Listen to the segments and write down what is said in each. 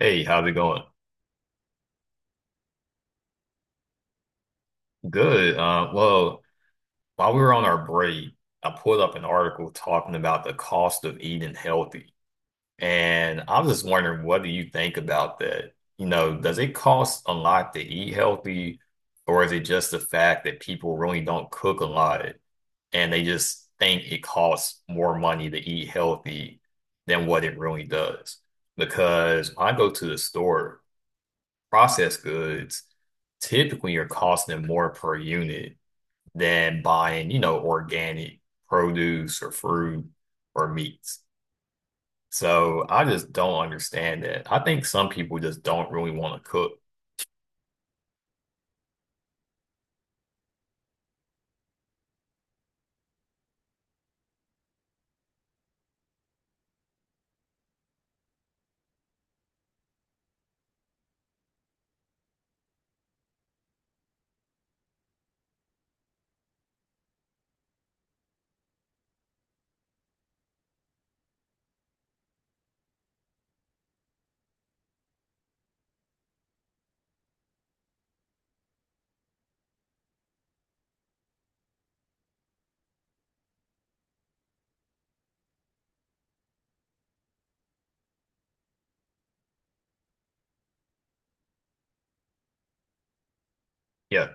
Hey, how's it going? Good. Well, while we were on our break, I pulled up an article talking about the cost of eating healthy. And I was just wondering, what do you think about that? You know, does it cost a lot to eat healthy, or is it just the fact that people really don't cook a lot and they just think it costs more money to eat healthy than what it really does? Because when I go to the store, processed goods, typically you're costing them more per unit than buying, you know, organic produce or fruit or meats. So I just don't understand that. I think some people just don't really want to cook. Yeah.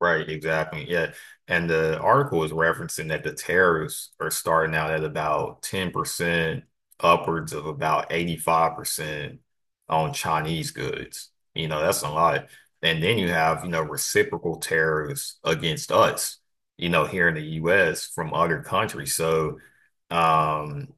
Right, exactly. Yeah. And the article is referencing that the tariffs are starting out at about 10% upwards of about 85% on Chinese goods. You know, that's a lot. And then you have, reciprocal tariffs against us, here in the US from other countries. So, um,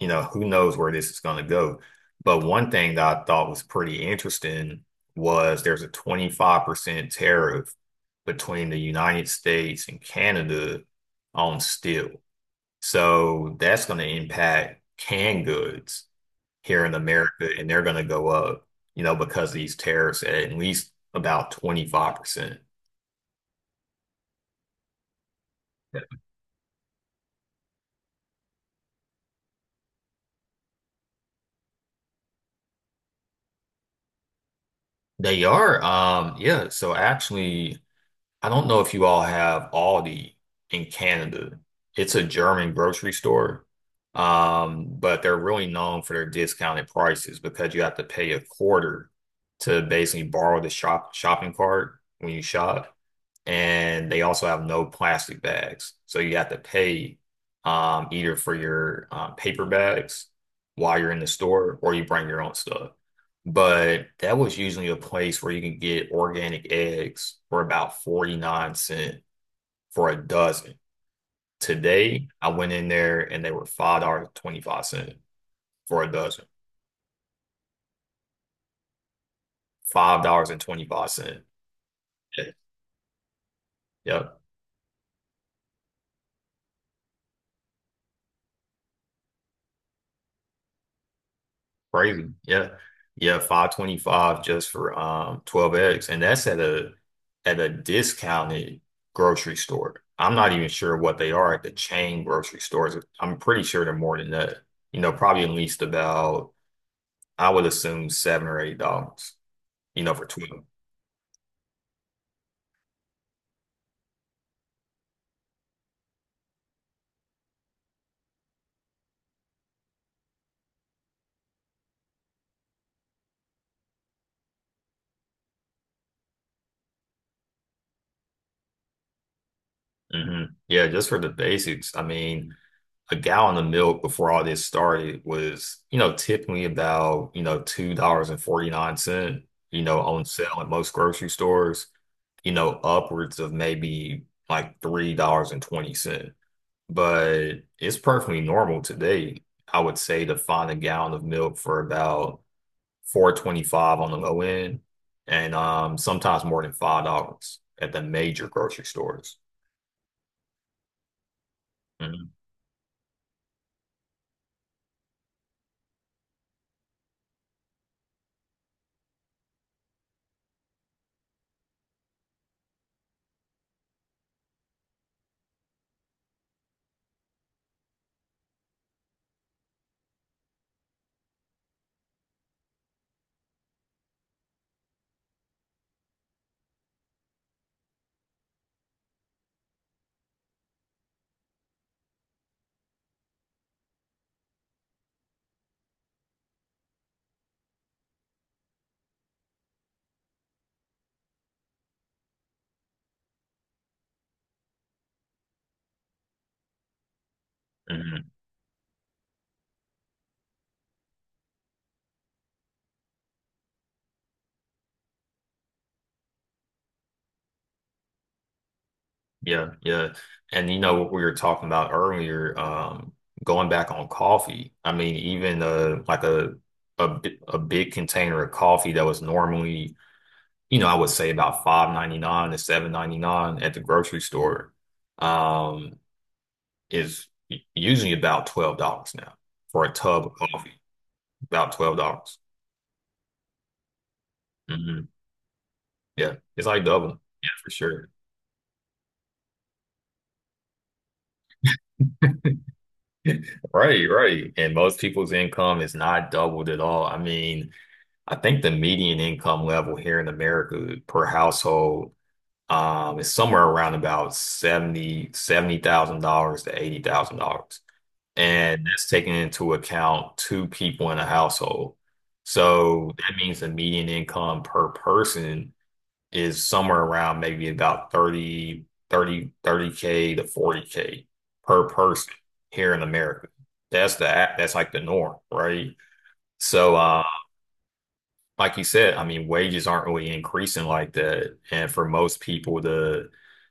who knows where this is going to go. But one thing that I thought was pretty interesting was there's a 25% tariff between the United States and Canada on steel. So that's going to impact canned goods here in America, and they're going to go up, you know, because of these tariffs at least about 25%. They are, yeah. So actually, I don't know if you all have Aldi in Canada. It's a German grocery store, but they're really known for their discounted prices because you have to pay a quarter to basically borrow the shopping cart when you shop and they also have no plastic bags. So you have to pay either for your paper bags while you're in the store or you bring your own stuff. But that was usually a place where you can get organic eggs for about 49 cents for a dozen. Today, I went in there and they were $5.25 for a dozen. $5.25. Yep. Crazy. Yeah. Yeah, 5.25 just for 12 eggs. And that's at a discounted grocery store. I'm not even sure what they are at the chain grocery stores. I'm pretty sure they're more than that. You know, probably at least about I would assume $7 or $8, for 12. Yeah, just for the basics. I mean, a gallon of milk before all this started was, typically about, $2.49, on sale at most grocery stores. Upwards of maybe like $3.20. But it's perfectly normal today, I would say, to find a gallon of milk for about 4.25 on the low end and sometimes more than $5 at the major grocery stores. Mhm, mhm. Yeah, yeah. And you know what we were talking about earlier, going back on coffee. I mean, even like a big container of coffee that was normally I would say about 5.99 to 7.99 at the grocery store, um, is usually about $12 now for a tub of coffee. About $12. hmm Yeah, it's like double. Yeah, for sure. Right, right. And most people's income is not doubled at all. I mean, I think the median income level here in America per household is somewhere around about seventy thousand dollars to $80,000. And that's taking into account two people in a household. So that means the median income per person is somewhere around maybe about thirty k to 40K per person here in America. That's the that's like the norm, right? So like you said, I mean wages aren't really increasing like that. And for most people to,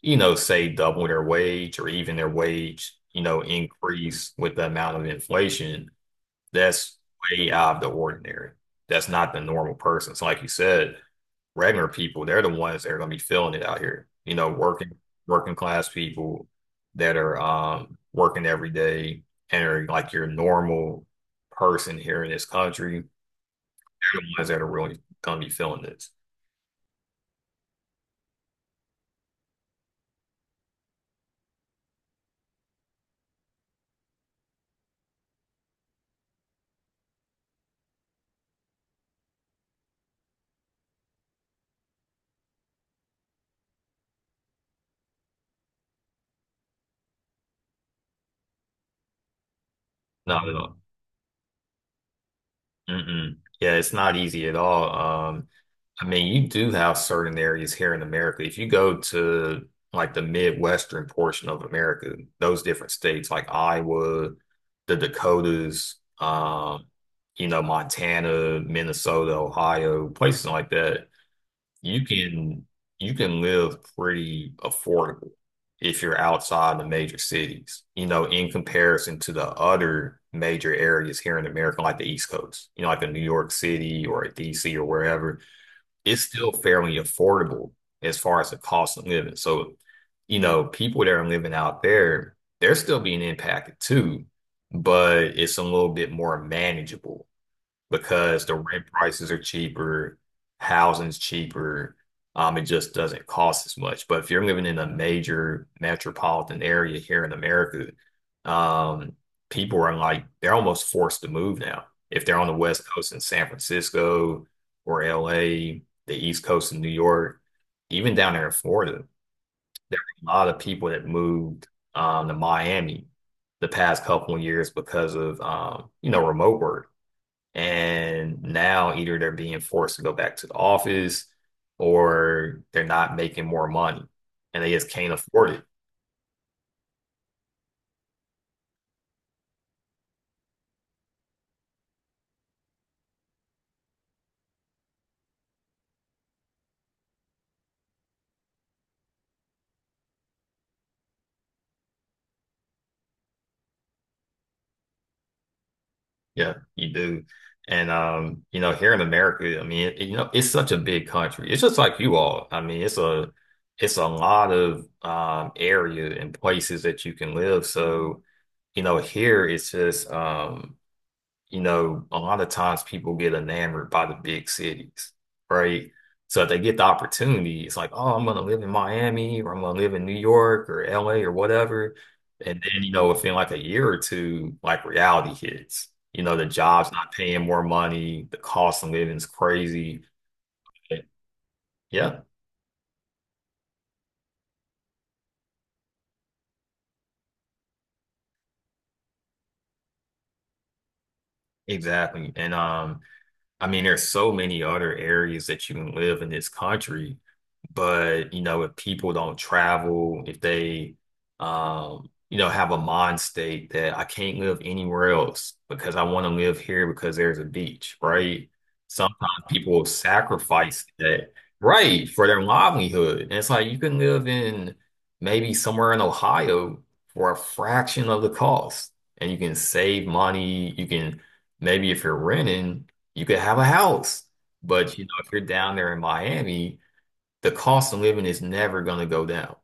say double their wage or even their wage, increase with the amount of inflation that's way out of the ordinary. That's not the normal person. So like you said, regular people, they're the ones that are gonna be feeling it out here. You know, working class people that are working every day and are like your normal person here in this country, they're the ones that are really gonna be feeling this. No, no. Mm-mm. Yeah, it's not easy at all. I mean, you do have certain areas here in America. If you go to like the Midwestern portion of America, those different states like Iowa, the Dakotas, Montana, Minnesota, Ohio, places like that, you can live pretty affordable if you're outside the major cities, in comparison to the other major areas here in America, like the East Coast, like a New York City or a DC or wherever it's still fairly affordable as far as the cost of living. So, people that are living out there, they're still being impacted too, but it's a little bit more manageable because the rent prices are cheaper, housing's cheaper. It just doesn't cost as much. But if you're living in a major metropolitan area here in America, um, people are like they're almost forced to move now. If they're on the West Coast in San Francisco or LA, the East Coast in New York, even down there in Florida, there were a lot of people that moved to Miami the past couple of years because of remote work and now either they're being forced to go back to the office or they're not making more money and they just can't afford it. Yeah, you do. And here in America, I mean, it's such a big country. It's just like you all. I mean, it's a lot of area and places that you can live. So, here it's just a lot of times people get enamored by the big cities, right? So if they get the opportunity, it's like, oh, I'm gonna live in Miami or I'm gonna live in New York or LA or whatever. And then, within like a year or two, like reality hits. The job's not paying more money, the cost of living is crazy. Yeah, exactly. And I mean, there's so many other areas that you can live in this country, but if people don't travel, if they, have a mind state that I can't live anywhere else because I want to live here because there's a beach, right? Sometimes people will sacrifice that, right, for their livelihood. And it's like you can live in maybe somewhere in Ohio for a fraction of the cost, and you can save money. You can Maybe if you're renting you could have a house, but if you're down there in Miami, the cost of living is never going to go down.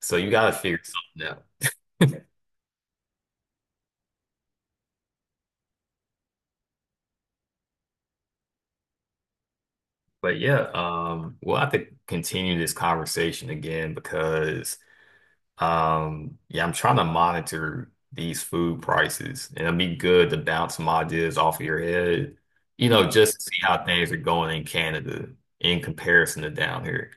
So you got to figure something out. But yeah, we'll have to continue this conversation again because yeah, I'm trying to monitor these food prices, and it'd be good to bounce some ideas off of your head, just to see how things are going in Canada in comparison to down here.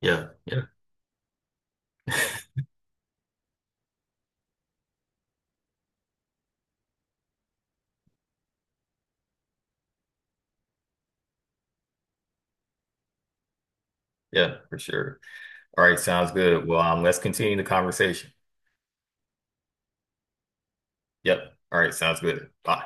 Yeah, yeah, yeah, for sure. All right, sounds good. Well, let's continue the conversation. Yep. All right, sounds good. Bye.